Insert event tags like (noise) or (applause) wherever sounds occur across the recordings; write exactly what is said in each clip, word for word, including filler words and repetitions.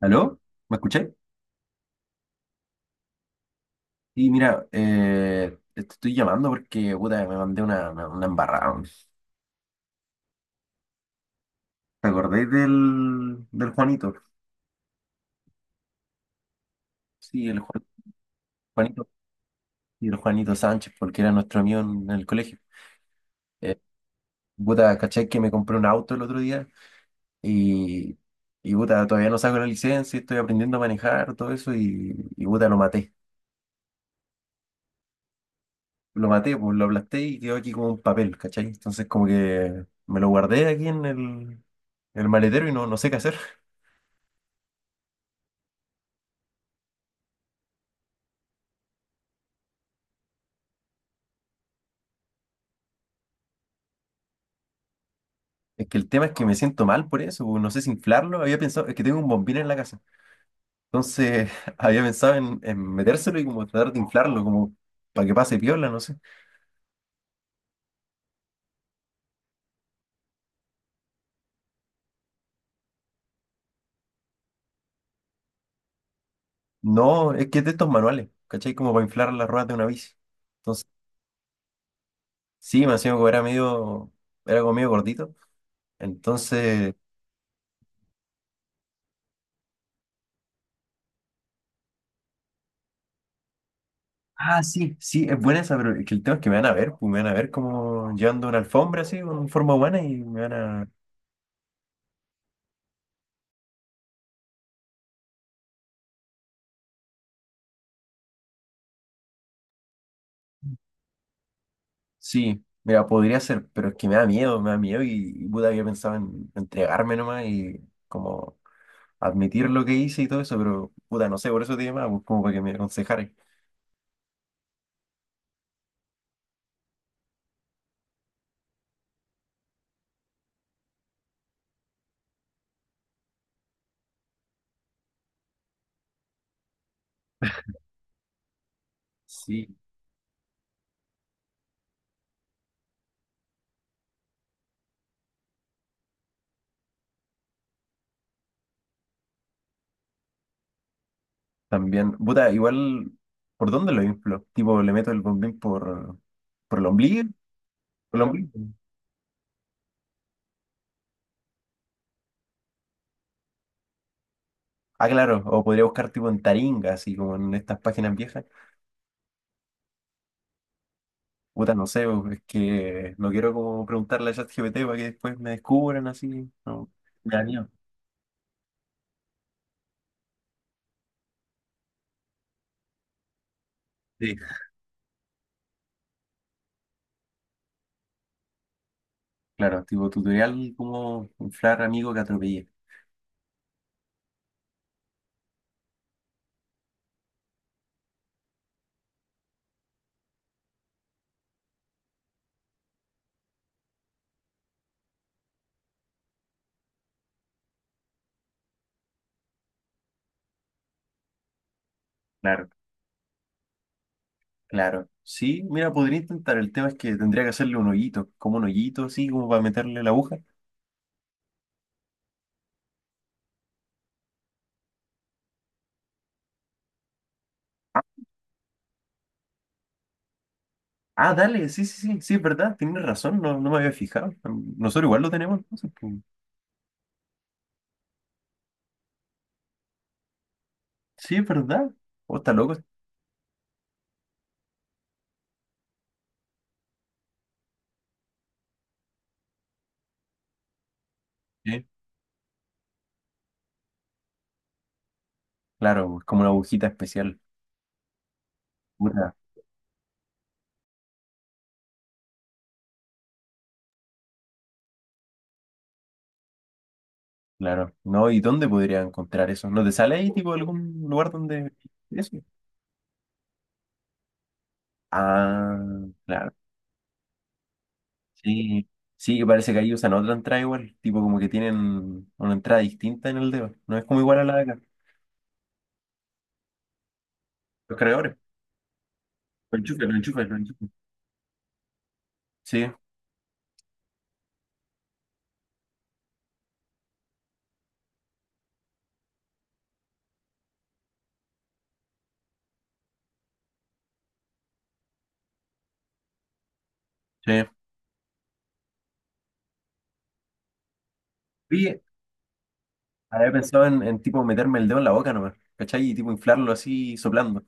¿Aló? ¿Me escucháis? Y mira, eh, te estoy llamando porque, puta, me mandé una, una embarrada, weón. ¿Te acordáis del, del Juanito? Sí, el Ju- Juanito. Y el Juanito Sánchez, porque era nuestro amigo en el colegio. Eh, Puta, ¿cachai que me compré un auto el otro día? Y, y puta, todavía no saco la licencia, estoy aprendiendo a manejar, todo eso, y, y puta, lo maté. Lo maté, pues lo aplasté y quedó aquí como un papel, ¿cachai? Entonces como que me lo guardé aquí en el, en el maletero y no, no sé qué hacer. Es que el tema es que me siento mal por eso, no sé si inflarlo, había pensado, es que tengo un bombín en la casa, entonces (laughs) había pensado en, en metérselo y como tratar de inflarlo, como para que pase piola, no sé. No, es que es de estos manuales, ¿cachai? Como para inflar las ruedas de una bici. Entonces, sí, me hacía como era medio, era como medio gordito, entonces, ah, sí, sí, es buena esa, pero es que el tema es que me van a ver, pues, me van a ver como llevando una alfombra así, con forma humana y me van a... Sí, mira, podría ser, pero es que me da miedo, me da miedo y, y puta, había pensado en entregarme nomás y como admitir lo que hice y todo eso, pero puta, no sé, por eso te llamaba, pues, como para que me aconsejaras. Sí. También, puta, igual, ¿por dónde lo inflo? Tipo, le meto el bombín por, por el ombligo, por el claro, ombligo. Ah, claro, o podría buscar tipo en Taringa, así como en estas páginas viejas. Puta, no sé, bo, es que no quiero como preguntarle a ChatGPT para que después me descubran así. No, me da miedo. Claro, tipo tutorial como inflar amigo que atropellé. Claro, claro. Sí, mira, podría intentar. El tema es que tendría que hacerle un hoyito, como un hoyito así, como para meterle la aguja. Ah, dale, sí, sí, sí, sí, es verdad, tienes razón, no, no me había fijado. Nosotros igual lo tenemos, entonces, pues. Sí, es verdad. ¿O está loco? Sí. Claro, es como una agujita especial. Puta, claro. No, ¿y dónde podría encontrar eso? ¿No te sale ahí, tipo, algún lugar donde eso? Ah, claro. Sí, sí, que parece que ahí usan otra entrada igual, tipo como que tienen una entrada distinta en el dedo, no es como igual a la de acá, los cargadores, lo enchufes, lo enchufes, lo enchufes. Sí, sí. Oye, había pensado en, en, tipo meterme el dedo en la boca nomás, ¿cachai? Y tipo inflarlo así soplando.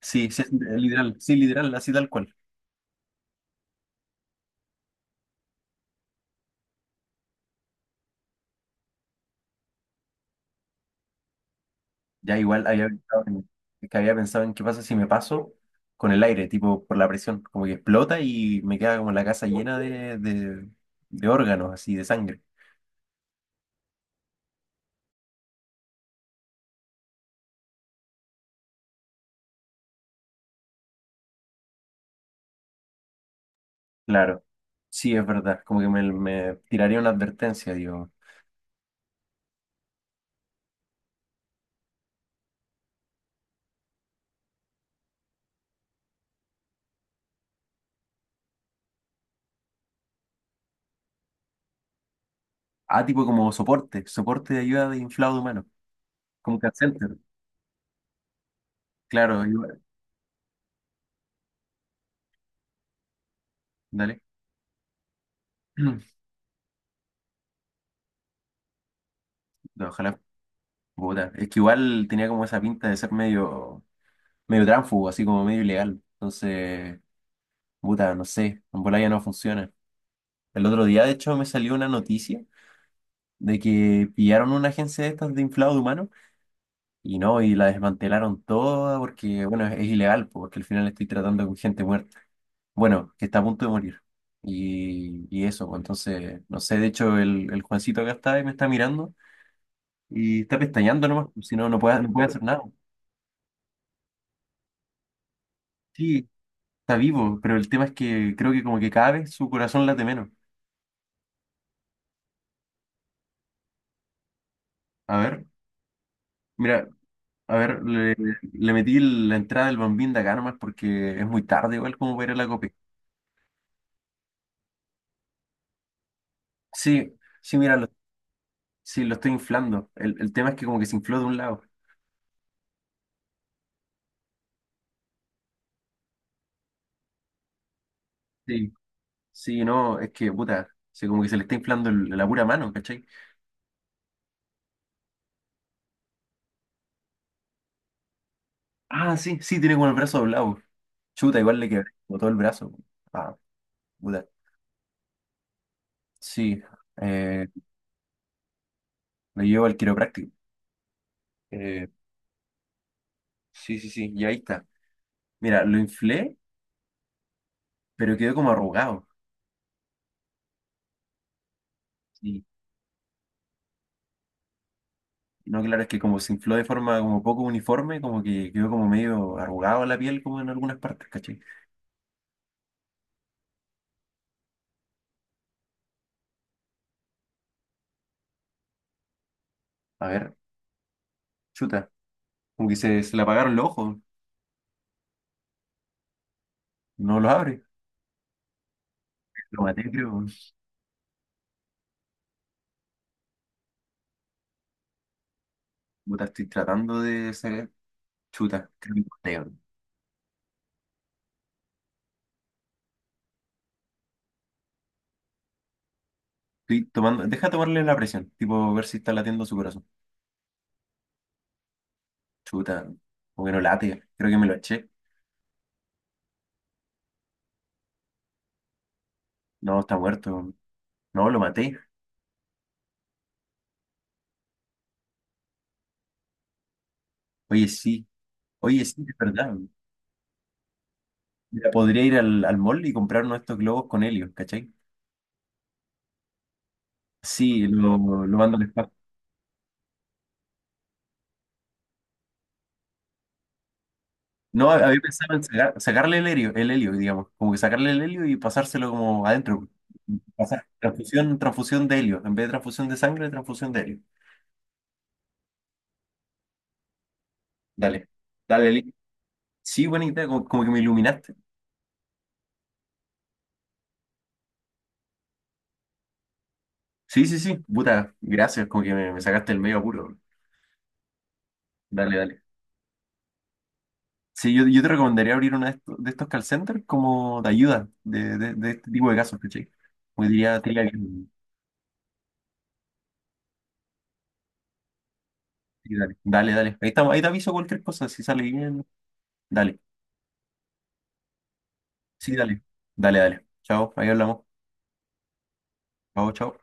Sí, sí, (laughs) es literal, sí, literal, así tal cual. Ya igual había pensado en, que había pensado en qué pasa si me paso con el aire, tipo por la presión, como que explota y me queda como la casa llena de, de, de órganos, así, de sangre. Claro, sí, es verdad. Como que me, me tiraría una advertencia, digo. Ah, tipo como soporte, soporte de ayuda de inflado humano, como un call center. Claro, igual, dale. (clears throat) No, ojalá, puta. Es que igual tenía como esa pinta de ser medio, medio tránfugo, así como medio ilegal. Entonces, puta, no sé, en bola ya no funciona. El otro día, de hecho, me salió una noticia de que pillaron una agencia de estas de inflado de humano y no, y la desmantelaron toda porque, bueno, es, es ilegal, porque al final estoy tratando con gente muerta. Bueno, que está a punto de morir. Y, y eso, pues, entonces, no sé, de hecho el, el Juancito acá está y me está mirando y está pestañeando nomás, pues, si no, no puede, no puede hacer nada. Sí, está vivo, pero el tema es que creo que como que cada vez su corazón late menos. A ver, mira, a ver, le, le metí la entrada del bambín de acá nomás porque es muy tarde igual como para ir a la copia. Sí, sí, mira, lo, sí, lo estoy inflando. El, el tema es que como que se infló de un lado. Sí, sí, no, es que, puta, sí, como que se le está inflando el- la pura mano, ¿cachai? Ah, sí, sí, tiene como el brazo doblado. Chuta, igual le quebré como todo el brazo. Ah, puta. Sí, eh, lo llevo al quiropráctico. Eh, sí, sí, sí, y ahí está. Mira, lo inflé, pero quedó como arrugado. Y no, claro, es que como se infló de forma como poco uniforme, como que quedó como medio arrugado la piel, como en algunas partes, ¿cachai? A ver, chuta, como que se, se le apagaron los ojos, no los abre. Lo maté, creo. Puta, estoy tratando de sacar. Chuta, creo que lo mateo. Estoy tomando, deja tomarle la presión, tipo ver si está latiendo su corazón. Chuta, o que no late, creo que me lo eché. No, está muerto. No, lo maté. Oye, sí, oye, sí, es verdad. Mira, podría ir al, al mall y comprar uno de estos globos con helio, ¿cachai? Sí, lo, lo mando al espacio. No, había pensado en sacar- sacarle el helio, el helio, digamos, como que sacarle el helio y pasárselo como adentro. Pasar transfusión, transfusión de helio. En vez de transfusión de sangre, transfusión de helio. Dale, dale, Eli. Sí, buena idea, como, como que me iluminaste. Sí, sí, sí. Puta, gracias, como que me, me sacaste el medio apuro. Dale, dale. Sí, yo, yo te recomendaría abrir uno de estos, de estos call centers como de ayuda de, de, de este tipo de casos, ¿cachai? Como diría, te diría que sí, dale, dale, dale. Ahí estamos, ahí te aviso cualquier cosa, si sale bien, dale. Sí, dale. Dale, dale. Chao, ahí hablamos. Chao, chao.